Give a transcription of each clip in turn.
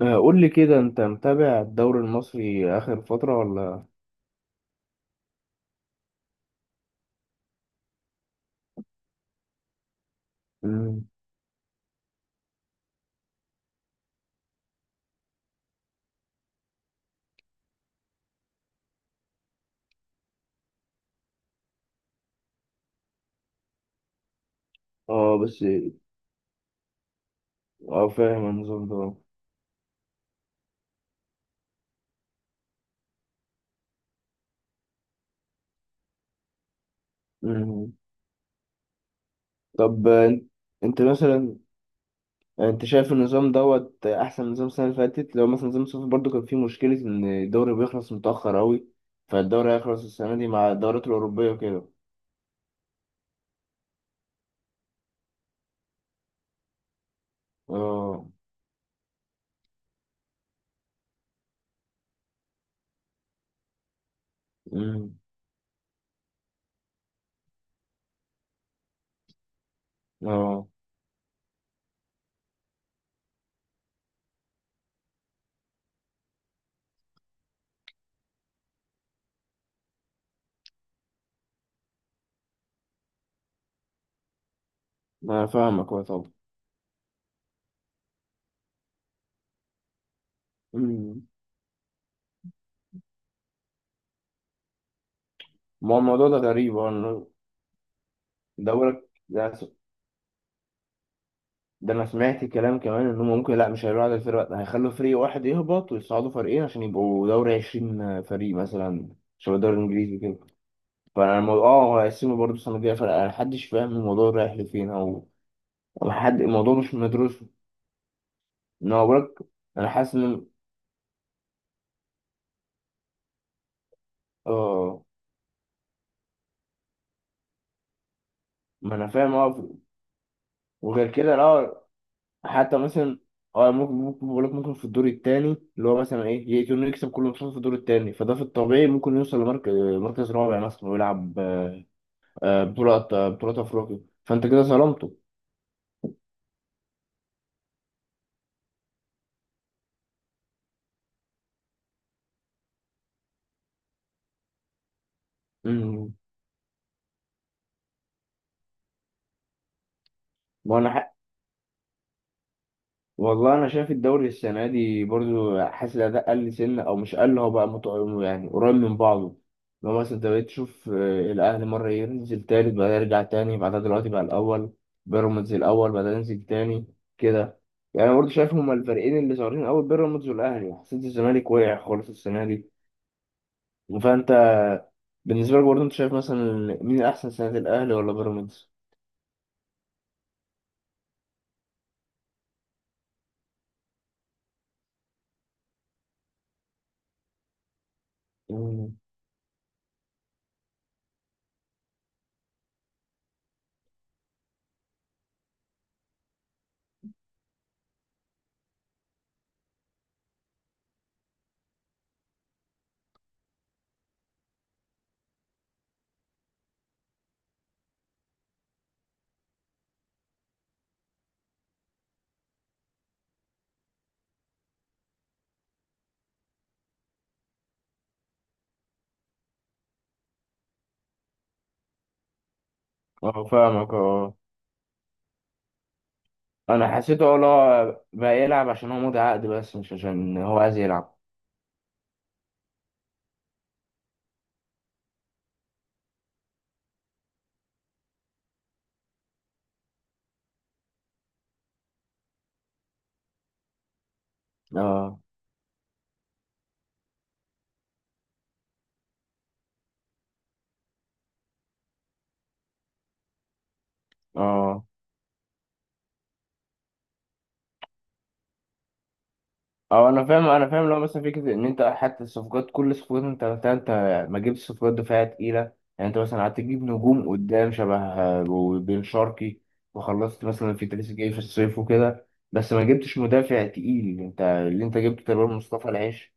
آه، قول لي كده انت متابع الدوري المصري اخر فترة ولا؟ مم. اه بس. اه فاهم النظام ده. مم. طب انت مثلا انت شايف النظام دوت احسن من نظام السنة اللي فاتت؟ لو مثلا نظام الصيف برضو كان فيه مشكلة ان الدوري بيخلص متأخر اوي، فالدوري هيخلص السنة دي مع الدورات الأوروبية كده. اه. مم. اه، انا فاهمك اه طبعا. مم. ما هو الموضوع ده غريب إن دورك، ده انا سمعت كلام كمان ان هم ممكن، لا مش هيعملوا عدد الفرق، لا، هيخلوا فريق واحد يهبط ويصعدوا فريقين عشان يبقوا دوري 20 فريق مثلا، شبه الدوري الانجليزي كده. فانا الموضوع هيقسموا برضه السنه الجايه فرق، انا محدش فاهم الموضوع رايح لفين أو حد، الموضوع مش مدروس. ان هو بقولك انا حاسس ان اه ما انا فاهم اه. وغير كده لا، حتى مثلا اه ممكن بقولك ممكن في الدور التاني اللي هو مثلا ايه يكون يكسب كل ماتشات في الدور التاني، فده في الطبيعي ممكن يوصل لمركز، مركز رابع مثلا ويلعب بطولة أفريقيا، فأنت كده ظلمته. مم. وأنا حق. والله أنا شايف الدوري السنة دي برضو حاسس الأداء قل سنة، أو مش قل، هو بقى يعني قريب من بعضه. لو مثلا أنت بقيت تشوف الأهلي مرة ينزل تالت بعدها يرجع تاني بعدها دلوقتي بقى الأول، بيراميدز الأول بعدها ينزل تاني كده. يعني برضه شايف هما الفريقين اللي ظاهرين أوي بيراميدز والأهلي، حسيت الزمالك وقع خالص السنة دي. فأنت بالنسبة لك برضه أنت شايف مثلا مين أحسن سنة، الأهلي ولا بيراميدز؟ اه فاهمك اه، انا حسيته اه، لا بقى يلعب عشان هو مضي عقد بس مش عشان هو عايز يلعب. اه، اه، اه، انا فاهم لو مثلا فكره ان انت حتى الصفقات كل الصفقات انت عملتها انت، ما جبتش صفقات دفاعيه تقيله. يعني انت مثلا قعدت تجيب نجوم قدام شبه وبن شرقي وخلصت مثلا في تريزيجيه في الصيف وكده، بس ما جبتش مدافع تقيل، انت اللي انت جبته تقريبا مصطفى العيش.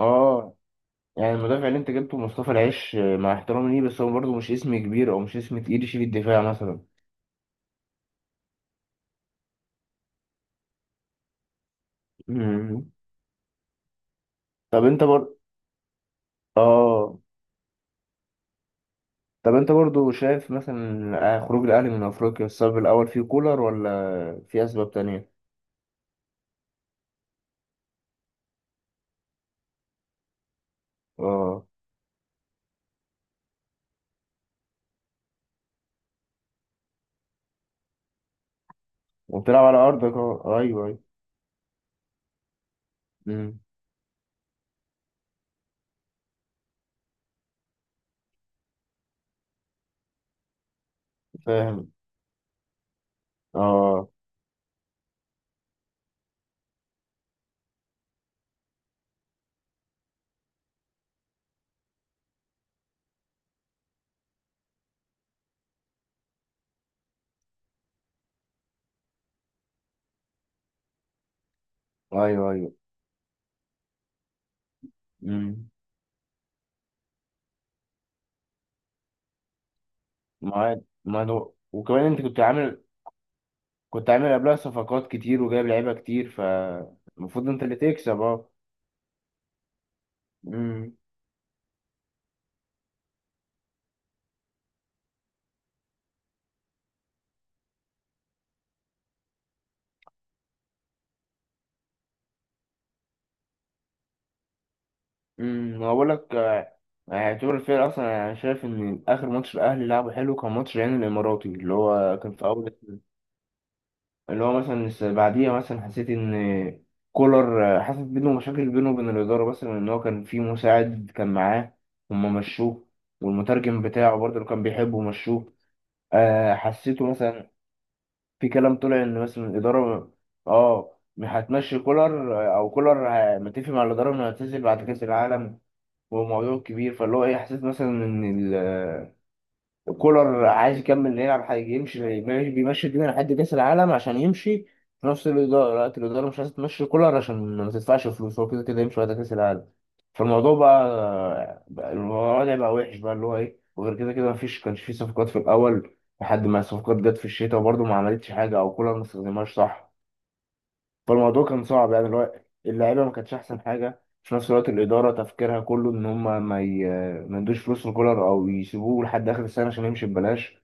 اه. يعني المدافع اللي انت جبته مصطفى العيش، مع احترامي ليه بس هو برضه مش اسم كبير او مش اسم تقيل يشيل الدفاع مثلا. مم. طب انت بر اه طب انت برضه شايف مثلا خروج الاهلي من افريقيا السبب الاول فيه كولر ولا في اسباب تانية؟ اه وبتلعب على ارضك، اه ايوه، ايوه. مم. فاهم. اه، ايوه، ايوه. مم. معاك، ما هو وكمان انت كنت عامل قبلها صفقات كتير وجايب لعيبه كتير فالمفروض انت اللي تكسب. اه. مم. ما بقول لك، اعتبر الفرق اصلا انا شايف ان اخر ماتش الاهلي لعبه حلو كان ماتش العين الاماراتي اللي هو كان في اول، اللي هو مثلا بعديها مثلا حسيت ان كولر، حصلت بينه مشاكل بينه وبين الاداره مثلا، ان هو كان في مساعد كان معاه هما مشوه، والمترجم بتاعه برضه اللي كان بيحبه مشوه. حسيته مثلا في كلام طلع ان مثلا الاداره اه هتمشي كولر، او كولر متفق مع الاداره انه هيعتزل بعد كاس العالم وموضوع كبير، فاللي هو ايه حسيت مثلا ان الكولر عايز يكمل يلعب حاجه، يمشي بيمشي الدنيا لحد كاس العالم عشان يمشي، في نفس الاداره لا الاداره مش عايزه تمشي كولر عشان ما تدفعش فلوس، هو كده كده يمشي بعد كاس العالم. فالموضوع بقى، الوضع بقى وحش بقى اللي هو ايه، وغير كده كده مفيش كانش في صفقات في الاول لحد ما الصفقات جت في الشتاء وبرضه ما عملتش حاجه او كولر ما استخدمهاش صح. فالموضوع كان صعب يعني اللي هو اللعيبه ما كانتش احسن حاجه، في نفس الوقت الاداره تفكيرها كله ان هم ما يدوش فلوس لكولر او يسيبوه لحد اخر السنه عشان يمشي ببلاش،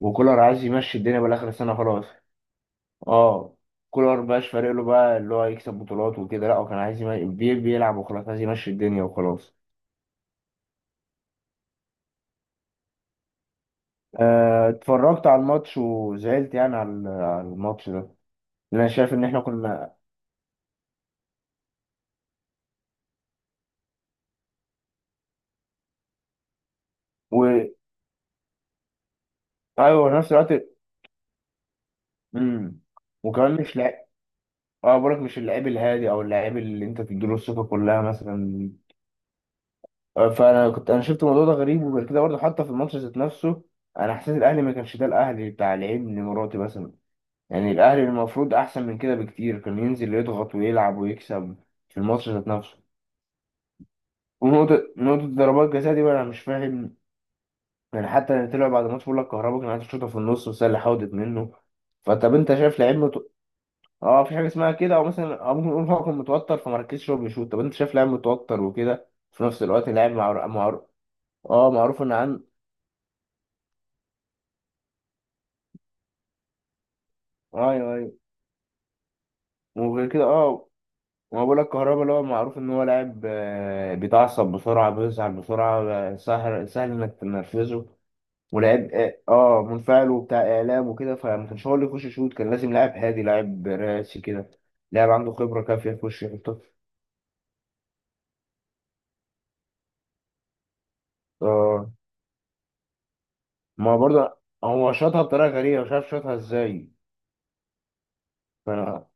وكولر عايز يمشي الدنيا بالاخر السنه خلاص. اه. كولر مبقاش فارق له بقى اللي هو يكسب بطولات وكده لا، هو كان عايز بيلعب وخلاص، عايز يمشي الدنيا وخلاص. اتفرجت على الماتش وزعلت يعني على الماتش ده، لأن انا شايف ان احنا كنا. و... ايوه في نفس الوقت. امم وكمان مش، لا اه بقولك مش اللعيب الهادي او اللعيب اللي انت تديله الثقه كلها مثلا. فانا انا شفت الموضوع ده غريب، وغير كده برضه حتى في الماتش ذات نفسه انا حسيت الاهلي ما كانش ده الاهلي بتاع لعيب مراتي مثلا. يعني الاهلي المفروض احسن من كده بكتير، كان ينزل يضغط ويلعب ويكسب في الماتش ذات نفسه. ونقطه ضربات جزاء دي بقى انا مش فاهم، يعني حتى اللي طلع بعد الماتش بيقول لك كهربا كان عايز يشوطها في النص بس هي اللي حاولت منه. فطب انت شايف لعيب؟ اه، في حاجه اسمها كده، او مثلا او ممكن نقول هو كان متوتر فمركزش هو بيشوط، طب انت شايف لاعب متوتر وكده في نفس الوقت لاعب معروف، معروف. اه معروف ان عن، ايوه ايوه. وغير كده اه، ما بقول لك كهربا اللي هو معروف ان هو لاعب بيتعصب بسرعه بيزعل بسرعه، سهل سهل انك تنرفزه، ولاعب اه منفعل وبتاع اعلام وكده، فما كانش هو اللي يخش يشوط، كان لازم لاعب هادي لاعب راسي كده، لاعب عنده خبره كافيه يخش يحطها. اه، ما هو برضه هو شاطها بطريقه غريبه مش عارف شاطها ازاي. فانا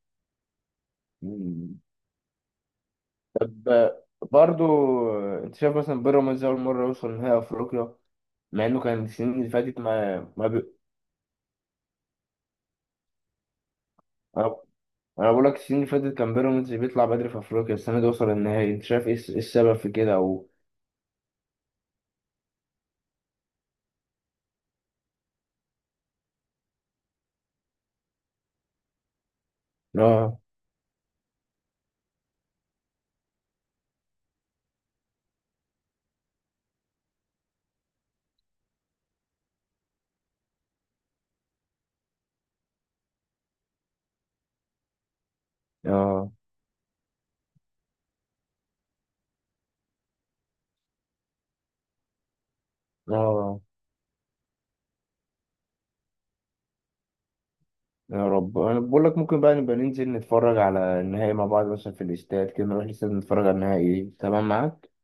ب... برضو انت شايف مثلا بيراميدز اول مره يوصل نهائي افريقيا، مع انه كان السنين اللي فاتت ما ما بي... انا بقول لك السنين اللي فاتت كان بيراميدز بيطلع بدري في افريقيا، السنه دي وصل النهائي، انت شايف ايه إيه السبب في كده او؟ اه، اه، اه، يا رب انا بقول لك ممكن بقى نبقى ننزل نتفرج على النهائي مع بعض مثلا في الاستاد كده، نروح الاستاد نتفرج على النهائي. تمام معاك.